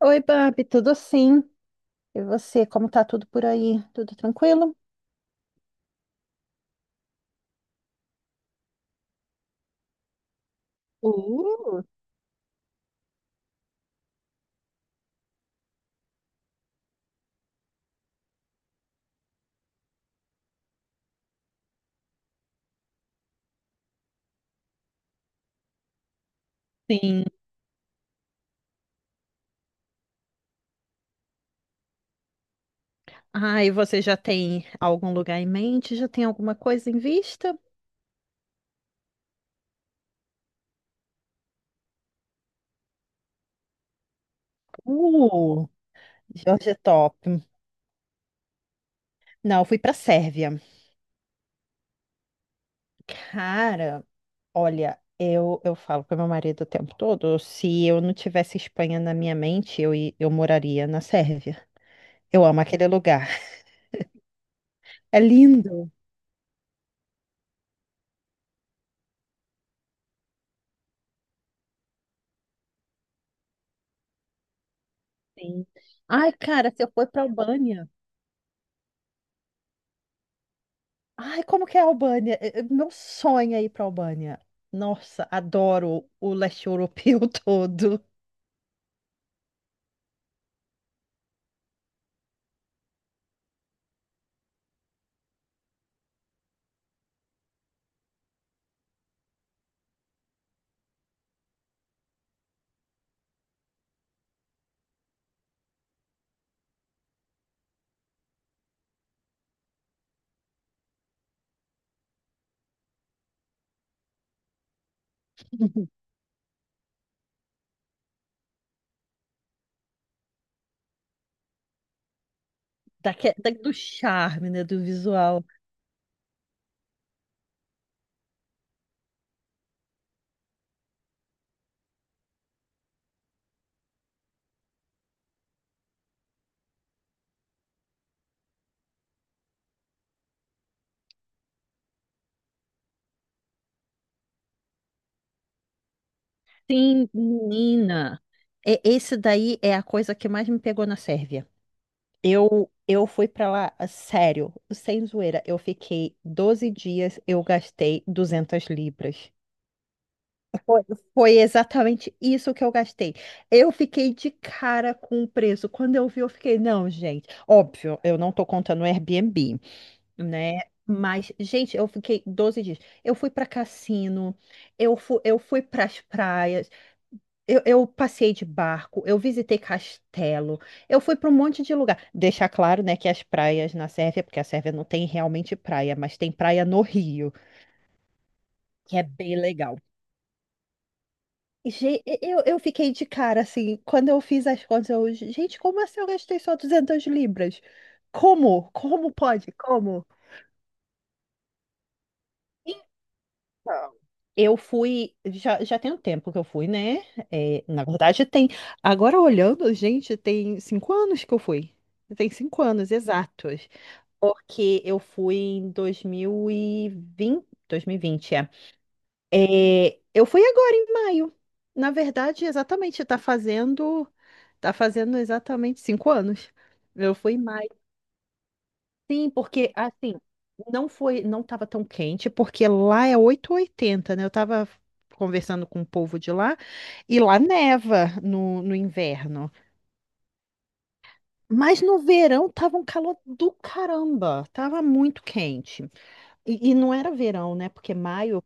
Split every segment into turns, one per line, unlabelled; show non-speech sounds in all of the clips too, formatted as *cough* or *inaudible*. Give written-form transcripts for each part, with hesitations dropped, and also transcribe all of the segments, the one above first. Oi, Babi, tudo sim? E você, como tá tudo por aí? Tudo tranquilo? Uh, sim. Ah, e você já tem algum lugar em mente? Já tem alguma coisa em vista? Uh, Jorge é top. Não, eu fui pra Sérvia. Cara, olha, eu falo pro meu marido o tempo todo, se eu não tivesse Espanha na minha mente, eu, eu moraria na Sérvia. Eu amo aquele lugar. É lindo. Sim. Ai, cara, se eu for para Albânia. Ai, como que é a Albânia? Meu sonho é ir pra Albânia. Nossa, adoro o leste europeu *laughs* todo. Do charme, né? Do visual. Sim, menina. É, esse daí é a coisa que mais me pegou na Sérvia. Eu fui pra lá, a sério, sem zoeira. Eu fiquei 12 dias, eu gastei 200 libras. Foi foi exatamente isso que eu gastei. Eu fiquei de cara com o preço. Quando eu vi, eu fiquei, não, gente. Óbvio, eu não tô contando o Airbnb, né? Mas, gente, eu fiquei 12 dias. Eu fui pra cassino, eu fui pras praias, eu passei de barco, eu visitei castelo, eu fui pra um monte de lugar. Deixar claro, né, que as praias na Sérvia, porque a Sérvia não tem realmente praia, mas tem praia no Rio, que é bem legal. Eu fiquei de cara, assim, quando eu fiz as contas, eu, gente, como assim eu gastei só 200 libras? Como? Como pode? Como? Então, eu fui, já tem um tempo que eu fui, né? É, na verdade, tem, agora olhando, gente, tem 5 anos que eu fui. Tem cinco anos, exatos. Porque eu fui em 2020, é. É, eu fui agora em maio. Na verdade, exatamente, tá fazendo exatamente 5 anos. Eu fui em maio. Sim, porque assim, não tava tão quente, porque lá é oito e oitenta, né? Eu tava conversando com o povo de lá e lá neva no inverno. Mas no verão tava um calor do caramba, tava muito quente. E não era verão, né? Porque maio.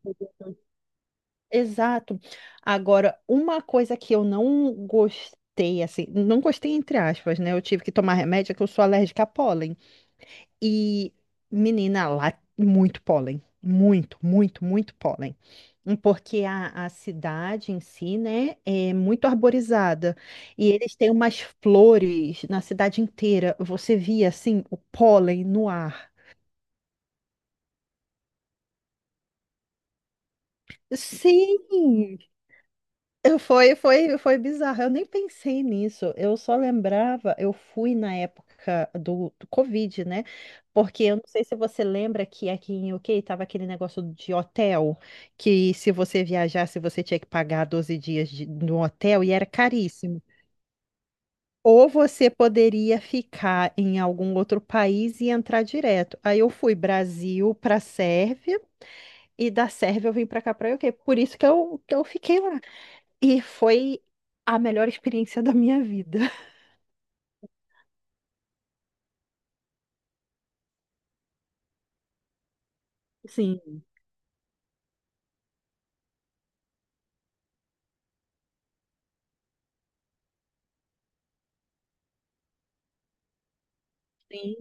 Exato. Agora, uma coisa que eu não gostei, assim, não gostei entre aspas, né? Eu tive que tomar remédio, é que eu sou alérgica a pólen. E, menina, lá, muito pólen. Muito, muito, muito pólen. Porque a cidade em si, né, é muito arborizada. E eles têm umas flores na cidade inteira. Você via, assim, o pólen no ar. Sim! Foi, foi bizarro. Eu nem pensei nisso. Eu só lembrava, eu fui na época do Covid, né? Porque eu não sei se você lembra que aqui em UK tava aquele negócio de hotel, que se você viajasse, você tinha que pagar 12 dias de, no hotel e era caríssimo. Ou você poderia ficar em algum outro país e entrar direto. Aí eu fui Brasil para Sérvia e da Sérvia eu vim para cá para UK. Por isso que eu fiquei lá. E foi a melhor experiência da minha vida. Sim, sim.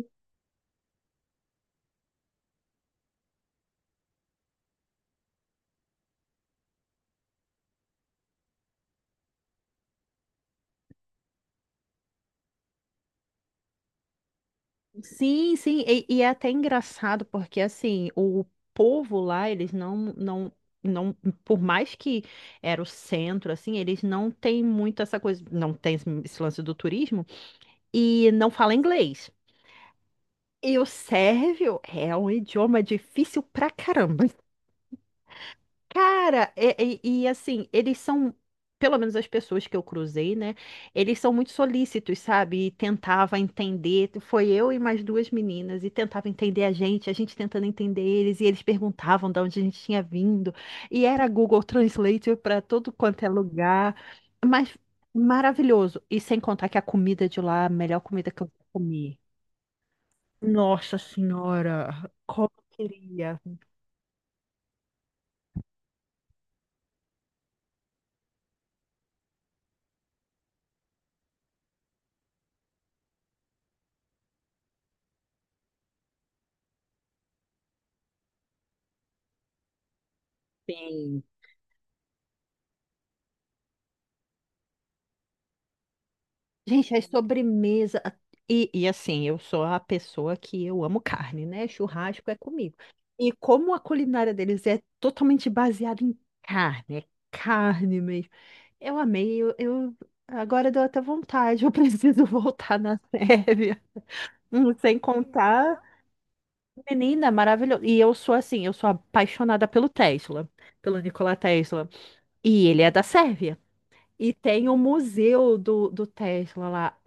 Sim, sim, e é até engraçado porque assim, o povo lá, eles não, não, não, por mais que era o centro, assim, eles não têm muito essa coisa, não tem esse lance do turismo e não fala inglês. E o sérvio é um idioma difícil pra caramba. Cara, assim, eles são, pelo menos as pessoas que eu cruzei, né? Eles são muito solícitos, sabe? E tentava entender. Foi eu e mais duas meninas, e tentava entender a gente tentando entender eles, e eles perguntavam de onde a gente tinha vindo. E era Google Translate para todo quanto é lugar. Mas maravilhoso. E sem contar que a comida de lá, a melhor comida que eu comi. Nossa Senhora, como eu queria. Bem. Gente, as sobremesa. E assim, eu sou a pessoa que eu amo carne, né? Churrasco é comigo. E como a culinária deles é totalmente baseada em carne, é carne mesmo. Eu amei, agora deu até vontade, eu *laughs* preciso voltar na Sérvia. Sem contar, menina, maravilhoso. E eu sou assim, eu sou apaixonada pelo Tesla, pelo Nikola Tesla. E ele é da Sérvia. E tem o museu do Tesla lá.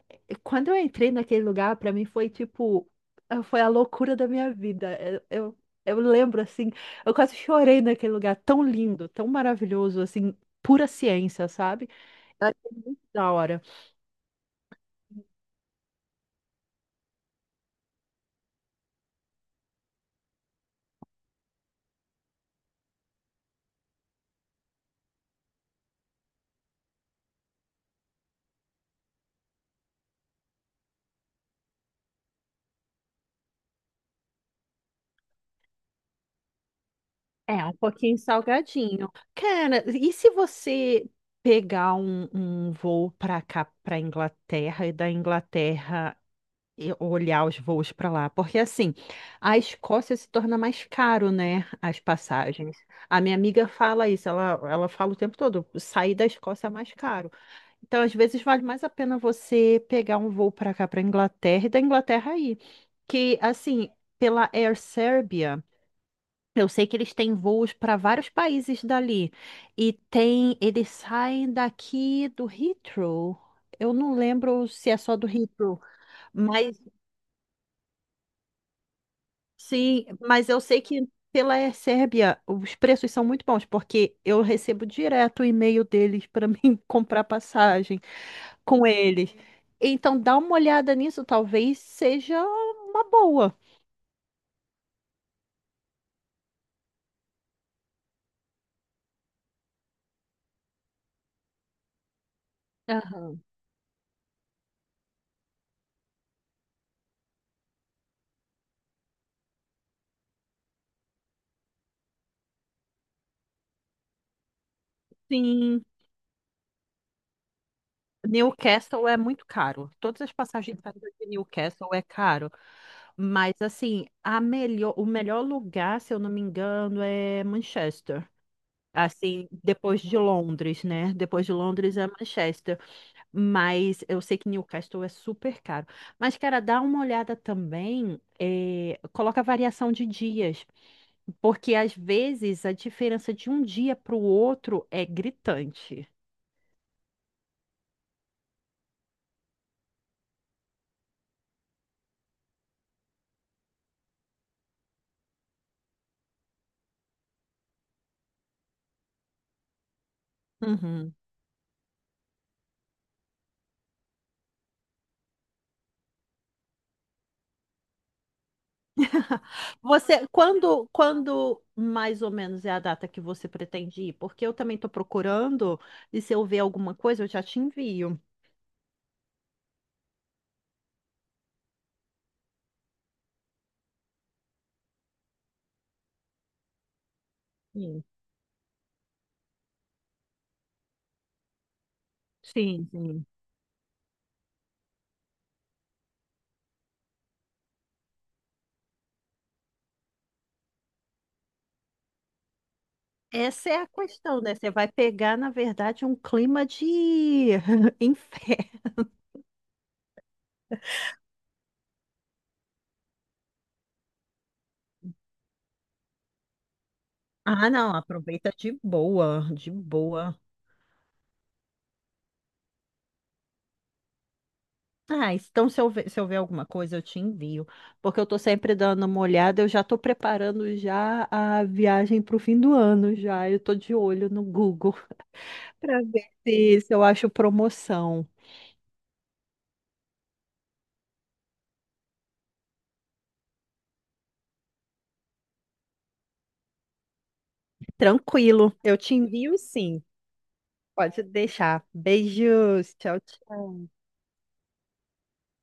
Quando eu entrei naquele lugar, para mim foi tipo, foi a loucura da minha vida. Eu lembro assim, eu quase chorei naquele lugar, tão lindo, tão maravilhoso, assim, pura ciência, sabe? Eu achei muito da hora. É, um pouquinho salgadinho. Cara, e se você pegar um voo para cá, para Inglaterra, e da Inglaterra e olhar os voos para lá, porque assim, a Escócia se torna mais caro, né, as passagens. A minha amiga fala isso, ela fala o tempo todo, sair da Escócia é mais caro. Então, às vezes vale mais a pena você pegar um voo para cá, para Inglaterra e da Inglaterra aí, que assim, pela Air Serbia, eu sei que eles têm voos para vários países dali e tem, eles saem daqui do Heathrow. Eu não lembro se é só do Heathrow, mas Sim, mas eu sei que pela Sérbia os preços são muito bons, porque eu recebo direto o e-mail deles para *laughs* mim comprar passagem com eles. Então dá uma olhada nisso, talvez seja uma boa. Aham. Sim, Newcastle é muito caro. Todas as passagens saindo de Newcastle é caro. Mas assim, a melhor, o melhor lugar, se eu não me engano, é Manchester. Assim, depois de Londres, né? Depois de Londres é Manchester. Mas eu sei que Newcastle é super caro. Mas, cara, dá uma olhada também, coloca variação de dias. Porque às vezes a diferença de um dia para o outro é gritante. Uhum. *laughs* Você, quando mais ou menos é a data que você pretende ir? Porque eu também estou procurando, e se eu ver alguma coisa, eu já te envio. Sim, sim. Essa é a questão, né? Você vai pegar, na verdade, um clima de *laughs* inferno. Ah, não, aproveita de boa, de boa. Ah, então se eu ver, alguma coisa, eu te envio. Porque eu tô sempre dando uma olhada, eu já tô preparando já a viagem pro fim do ano já. Eu tô de olho no Google *laughs* para ver se eu acho promoção. Tranquilo, eu te envio sim. Pode deixar. Beijos, tchau, tchau.